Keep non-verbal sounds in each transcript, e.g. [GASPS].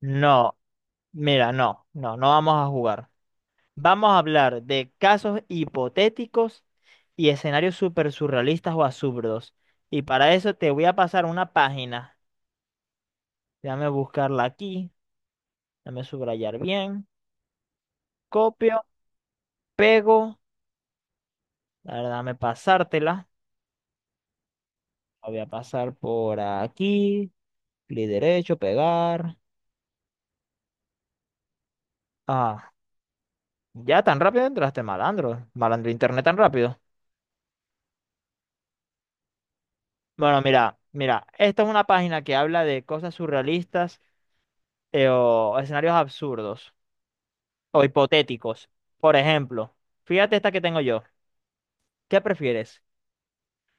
No, mira, no, no, no vamos a jugar. Vamos a hablar de casos hipotéticos y escenarios súper surrealistas o absurdos. Y para eso te voy a pasar una página. Déjame buscarla aquí, déjame subrayar bien. Copio, pego, a déjame pasártela. La voy a pasar por aquí, clic derecho, pegar. Ah, ya tan rápido entraste, malandro. Malandro internet tan rápido. Bueno, mira, mira, esta es una página que habla de cosas surrealistas o escenarios absurdos o hipotéticos. Por ejemplo, fíjate esta que tengo yo. ¿Qué prefieres?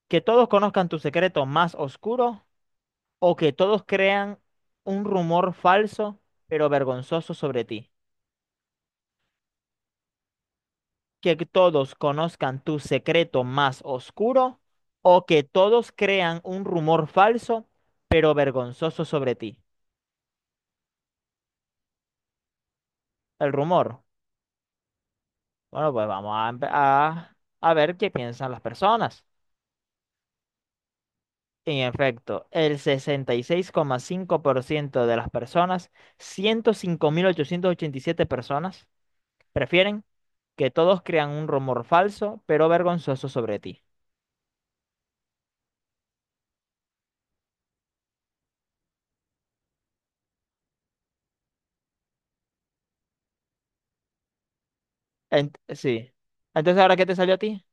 ¿Que todos conozcan tu secreto más oscuro o que todos crean un rumor falso pero vergonzoso sobre ti? ¿Que todos conozcan tu secreto más oscuro o que todos crean un rumor falso pero vergonzoso sobre ti? El rumor. Bueno, pues vamos a, empe- a ver qué piensan las personas. En efecto, el 66,5% de las personas, 105.887 personas, prefieren que todos crean un rumor falso, pero vergonzoso sobre ti. Sí. Entonces, ¿ahora qué te salió a ti?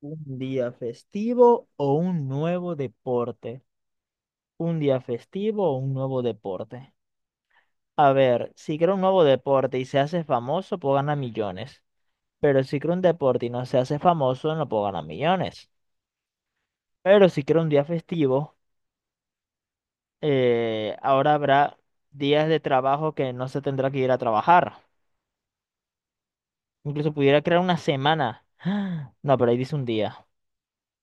¿Un día festivo o un nuevo deporte? ¿Un día festivo o un nuevo deporte? A ver, si creo un nuevo deporte y se hace famoso, puedo ganar millones. Pero si creo un deporte y no se hace famoso, no puedo ganar millones. Pero si quiero un día festivo, ahora habrá días de trabajo que no se tendrá que ir a trabajar. Incluso pudiera crear una semana. [GASPS] No, pero ahí dice un día.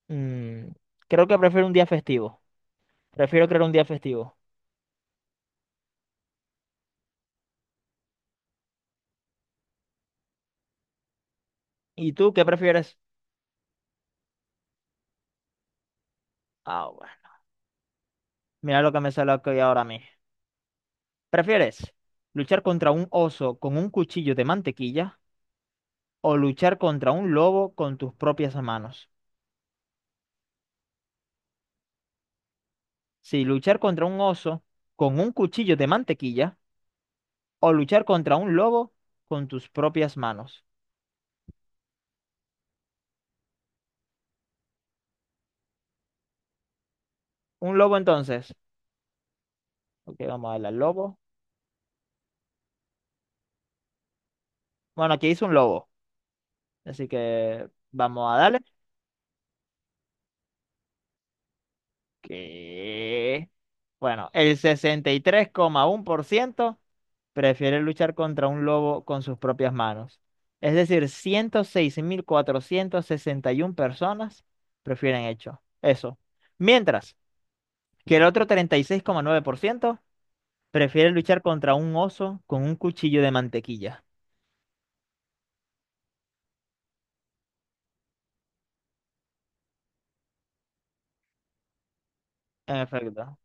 Mm, creo que prefiero un día festivo. Prefiero crear un día festivo. ¿Y tú qué prefieres? Ah, bueno. Mira lo que me sale aquí ahora a mí. ¿Prefieres luchar contra un oso con un cuchillo de mantequilla o luchar contra un lobo con tus propias manos? ¿Si luchar contra un oso con un cuchillo de mantequilla o luchar contra un lobo con tus propias manos? Un lobo entonces. Ok, vamos a darle al lobo. Bueno, aquí hizo un lobo, así que vamos a darle. Que Bueno, el 63,1% prefiere luchar contra un lobo con sus propias manos. Es decir, 106.461 personas prefieren hecho eso. Mientras que el otro 36,9% prefiere luchar contra un oso con un cuchillo de mantequilla. En efecto.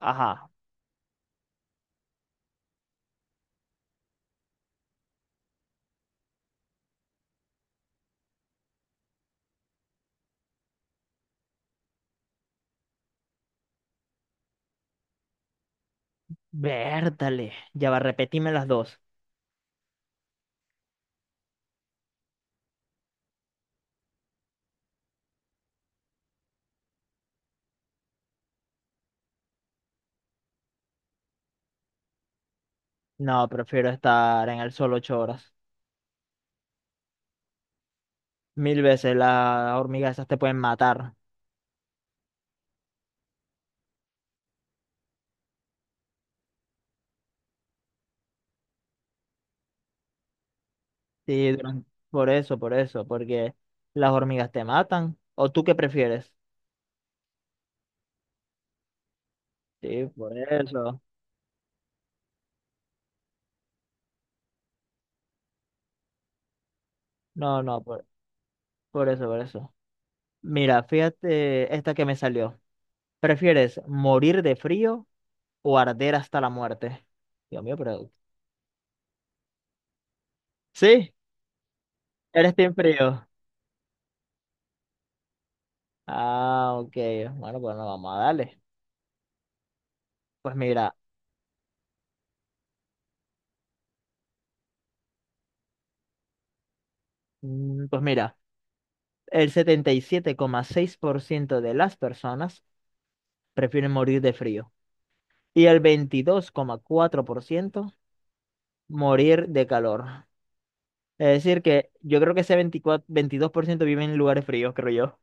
Ajá. Vértale. Ya va, repetime las dos. No, prefiero estar en el sol 8 horas. Mil veces las hormigas esas te pueden matar. Sí, por eso, porque las hormigas te matan. ¿O tú qué prefieres? Sí, por eso. No, no, por eso, por eso. Mira, fíjate esta que me salió. ¿Prefieres morir de frío o arder hasta la muerte? Dios mío, pero... Sí, eres team frío. Ah, ok. Bueno, bueno, vamos a darle. Pues mira, pues mira, el 77,6% de las personas prefieren morir de frío y el 22,4% morir de calor. Es decir, que yo creo que ese 24, 22% vive en lugares fríos, creo yo.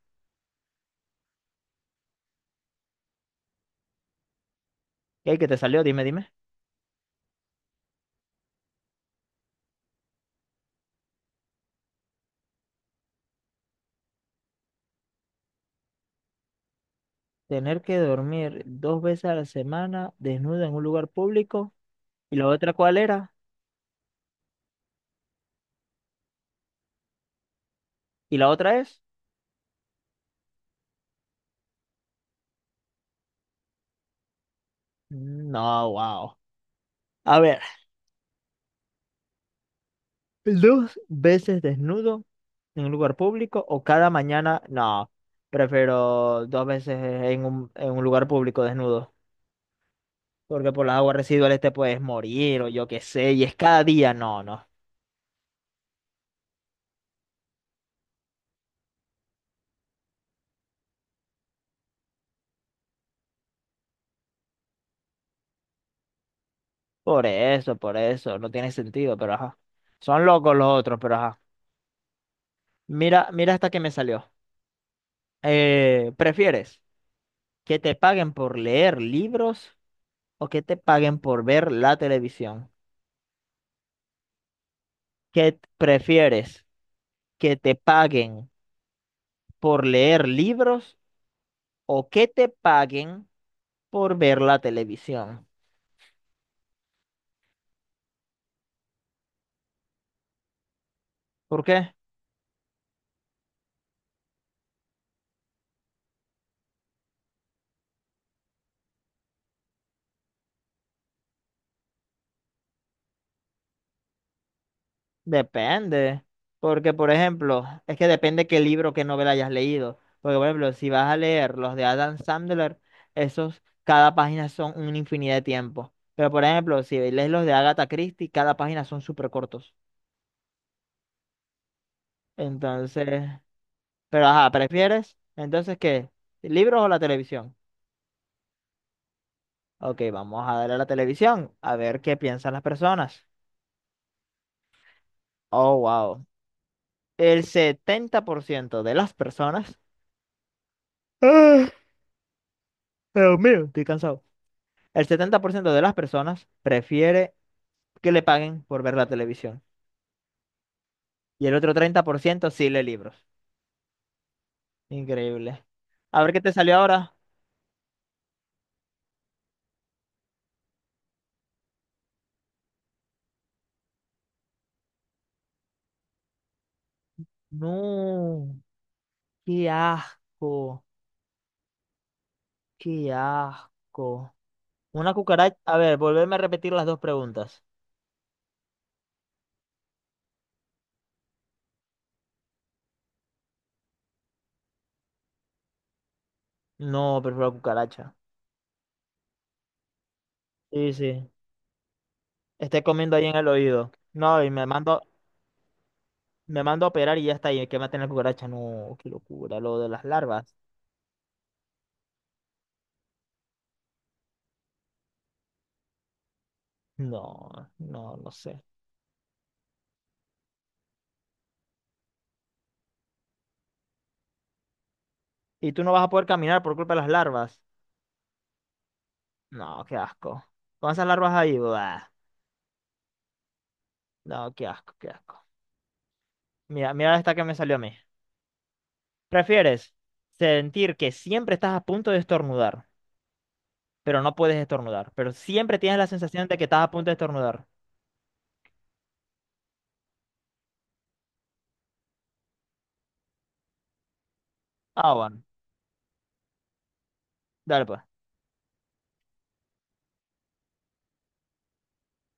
¿Qué, qué te salió? Dime, dime. Tener que dormir dos veces a la semana desnudo en un lugar público. ¿Y la otra cuál era? ¿Y la otra es? No, wow. A ver, dos veces desnudo en un lugar público o cada mañana, no, prefiero dos veces en un, lugar público desnudo, porque por las aguas residuales te puedes morir o yo qué sé, y es cada día, no, no, por eso, no tiene sentido, pero ajá, son locos los otros, pero ajá, mira, mira hasta que me salió. ¿Prefieres que te paguen por leer libros o que te paguen por ver la televisión? ¿Qué prefieres? ¿Que te paguen por leer libros o que te paguen por ver la televisión? ¿Por qué? Depende. Porque, por ejemplo, es que depende qué libro, qué novela hayas leído. Porque, por ejemplo, si vas a leer los de Adam Sandler, esos, cada página son una infinidad de tiempo. Pero, por ejemplo, si lees los de Agatha Christie, cada página son súper cortos. Entonces, pero ajá, ¿prefieres? Entonces, ¿qué? ¿Libros o la televisión? Ok, vamos a darle a la televisión a ver qué piensan las personas. Oh, wow. El 70% de las personas, ah, Dios mío, estoy cansado, el 70% de las personas prefiere que le paguen por ver la televisión. Y el otro 30% sí lee libros. Increíble. A ver qué te salió ahora. No, qué asco, qué asco. Una cucaracha. A ver, volverme a repetir las dos preguntas. No, prefiero la cucaracha. Sí, sí. Esté comiendo ahí en el oído. No, y me mando, me mando a operar y ya está. Y que maten la cucaracha. No, qué locura. Lo de las larvas. No, no, no sé. Y tú no vas a poder caminar por culpa de las larvas. No, qué asco. Con esas larvas ahí, buah. No, qué asco, qué asco. Mira, mira esta que me salió a mí. ¿Prefieres sentir que siempre estás a punto de estornudar, pero no puedes estornudar, pero siempre tienes la sensación de que estás a punto de estornudar? Ah, bueno. Dale, pues.